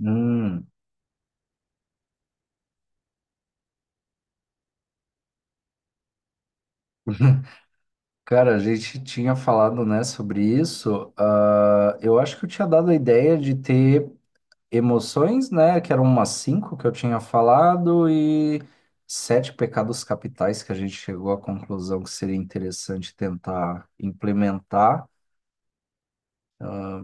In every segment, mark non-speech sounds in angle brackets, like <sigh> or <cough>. Hum. <laughs> Cara, a gente tinha falado, né, sobre isso. Ah, eu acho que eu tinha dado a ideia de ter emoções, né, que eram umas cinco que eu tinha falado e sete pecados capitais que a gente chegou à conclusão que seria interessante tentar implementar. Ah,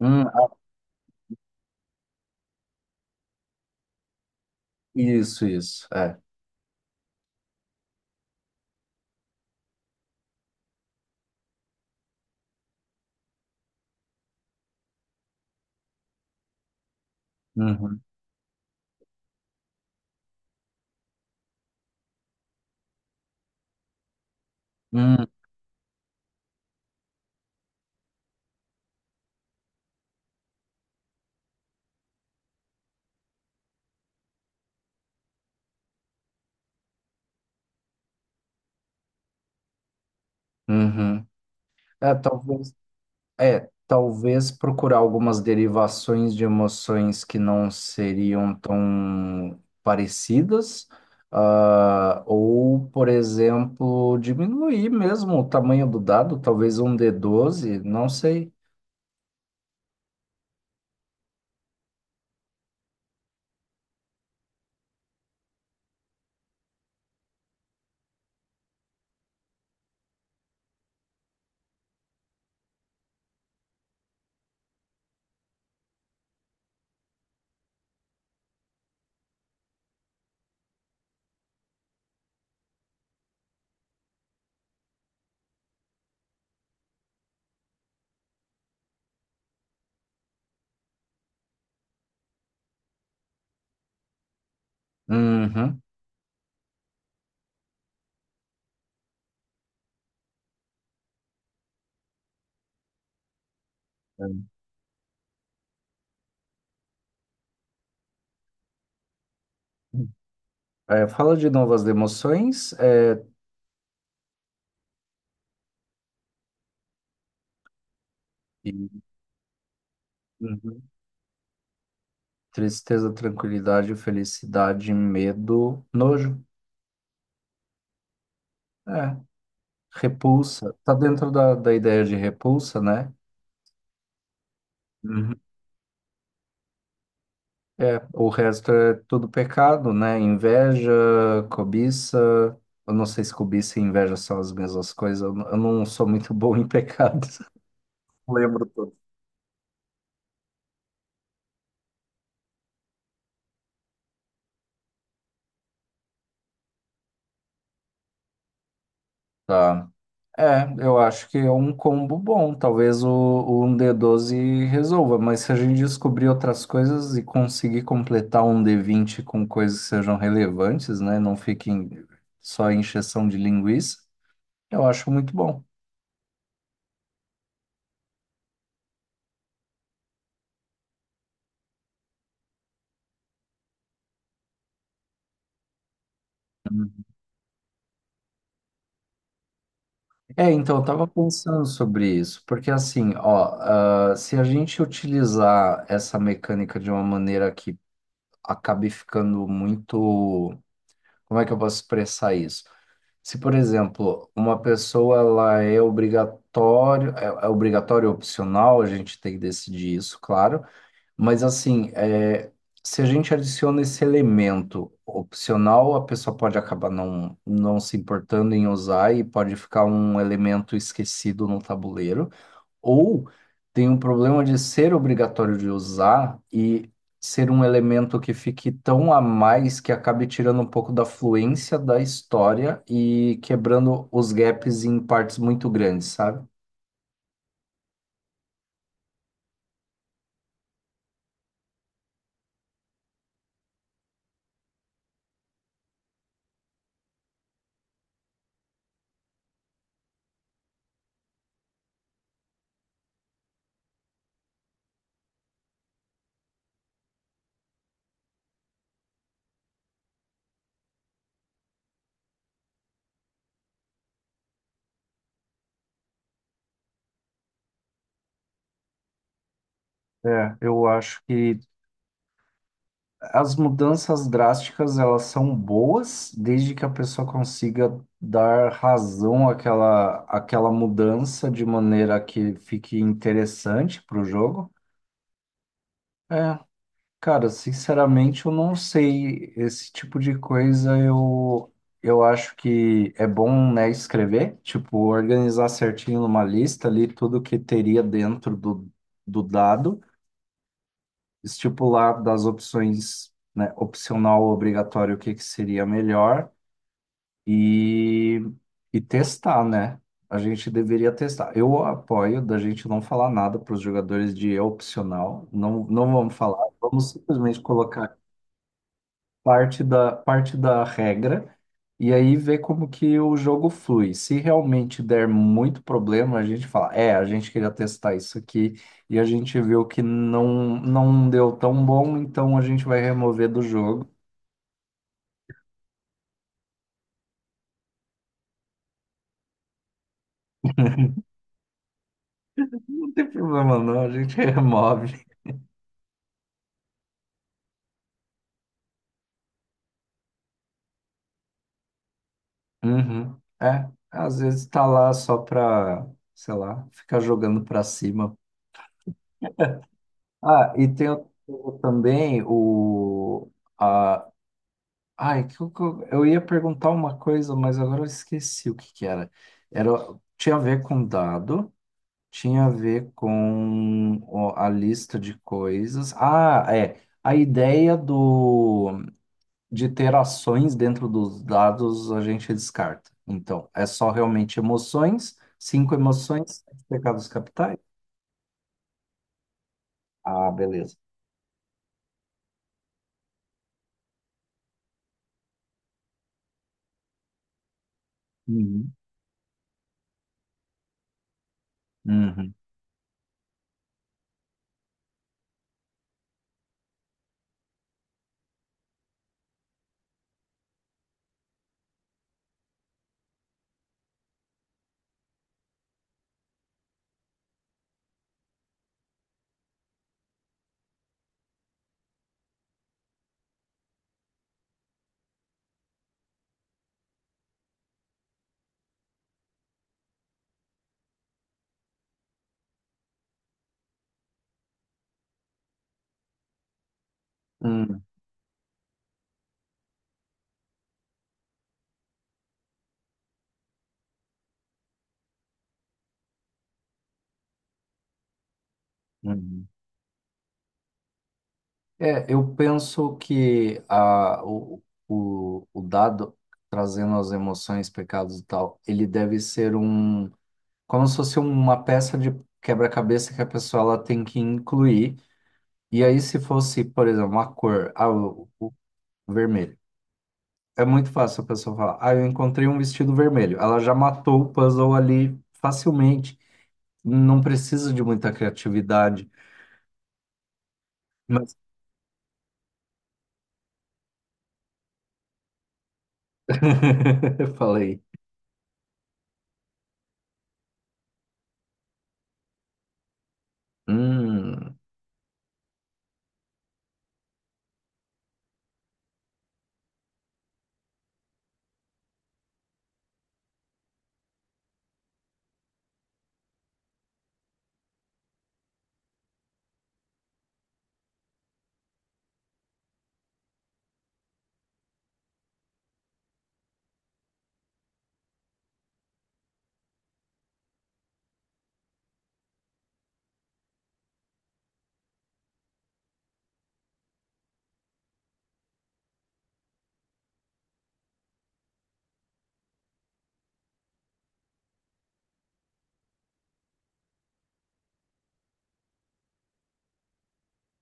Hum, ah, isso, isso, é. Uhum, hum, uhum. É, talvez. É, talvez procurar algumas derivações de emoções que não seriam tão parecidas, ah, ou, por exemplo, diminuir mesmo o tamanho do dado, talvez um d doze, não sei. Uhum. É, é, fala de novas emoções, e- uhum. Tristeza, tranquilidade, felicidade, medo, nojo, é, repulsa. Tá dentro da ideia de repulsa, né? Uhum. É, o resto é tudo pecado, né? Inveja, cobiça. Eu não sei se cobiça e inveja são as mesmas coisas. Eu não sou muito bom em pecados. <laughs> Lembro tudo. Tá. É, eu acho que é um combo bom. Talvez o 1 d doze resolva, mas se a gente descobrir outras coisas e conseguir completar um d vinte com coisas que sejam relevantes, né? Não fiquem só em encheção de linguiça, eu acho muito bom. É, então, eu tava pensando sobre isso, porque assim, ó, ah, se a gente utilizar essa mecânica de uma maneira que acabe ficando muito, como é que eu posso expressar isso? Se, por exemplo, uma pessoa ela é obrigatório, é, é obrigatório ou opcional, a gente tem que decidir isso, claro. Mas assim, é, se a gente adiciona esse elemento opcional, a pessoa pode acabar não, não se importando em usar e pode ficar um elemento esquecido no tabuleiro. Ou tem um problema de ser obrigatório de usar e ser um elemento que fique tão a mais que acabe tirando um pouco da fluência da história e quebrando os gaps em partes muito grandes, sabe? É, eu acho que as mudanças drásticas, elas são boas, desde que a pessoa consiga dar razão àquela mudança de maneira que fique interessante para o jogo. É, cara, sinceramente, eu não sei. Esse tipo de coisa eu acho que é bom, né, escrever, tipo, organizar certinho numa lista ali tudo que teria dentro do dado, estipular das opções, né, opcional, obrigatório, o que que seria melhor e, e testar, né? A gente deveria testar. Eu apoio da gente não falar nada para os jogadores de é opcional, não, não vamos falar, vamos simplesmente colocar parte da regra e aí ver como que o jogo flui. Se realmente der muito problema, a gente fala, é, a gente queria testar isso aqui e a gente viu que não, não deu tão bom, então a gente vai remover do jogo. Não tem problema não, a gente <laughs> remove. Uhum. É, às vezes tá lá só pra, sei lá, ficar jogando pra cima. Ah, e tem o também o, Ai, que eu ia perguntar uma coisa, mas agora eu esqueci o que que era. Era, tinha a ver com dado, tinha a ver com a lista de coisas. Ah, é. A ideia de ter ações dentro dos dados a gente descarta. Então, é só realmente emoções, cinco emoções, sete pecados capitais. Ah, beleza. Uhum. Uhum. Uhum. Uhum. É, eu penso que o dado, trazendo as emoções, pecados e tal, ele deve ser um, como se fosse uma peça de quebra-cabeça que a pessoa ela tem que incluir. E aí, se fosse, por exemplo, a cor, o vermelho, é muito fácil a pessoa falar, ah, eu encontrei um vestido vermelho. Ela já matou o puzzle ali facilmente. Não precisa de muita criatividade. Mas <laughs> eu falei, hum,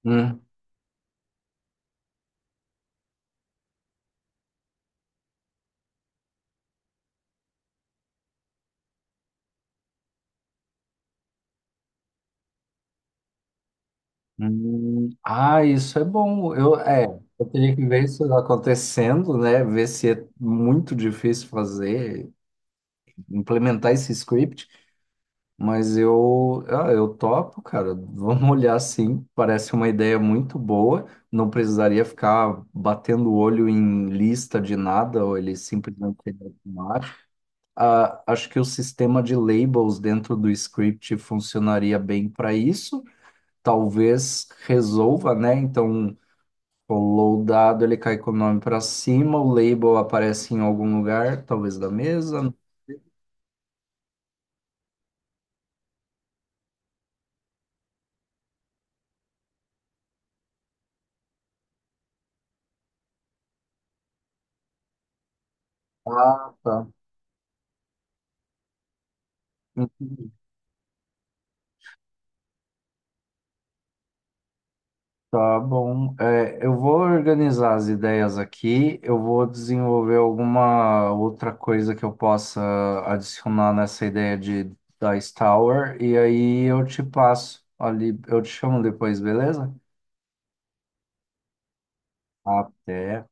hum. Ah, isso é bom. Eu, é, eu teria que ver isso acontecendo, né? Ver se é muito difícil fazer, implementar esse script. Mas eu, ah, eu topo, cara. <laughs> Vamos olhar sim. Parece uma ideia muito boa. Não precisaria ficar batendo o olho em lista de nada, ou ele simplesmente seria automático. Ah, acho que o sistema de labels dentro do script funcionaria bem para isso, talvez resolva, né? Então, rolou o dado, ele cai com o nome para cima, o label aparece em algum lugar, talvez da mesa. Ah, tá. Tá bom. É, eu vou organizar as ideias aqui, eu vou desenvolver alguma outra coisa que eu possa adicionar nessa ideia de Dice Tower, e aí eu te passo ali, eu te chamo depois, beleza? Até.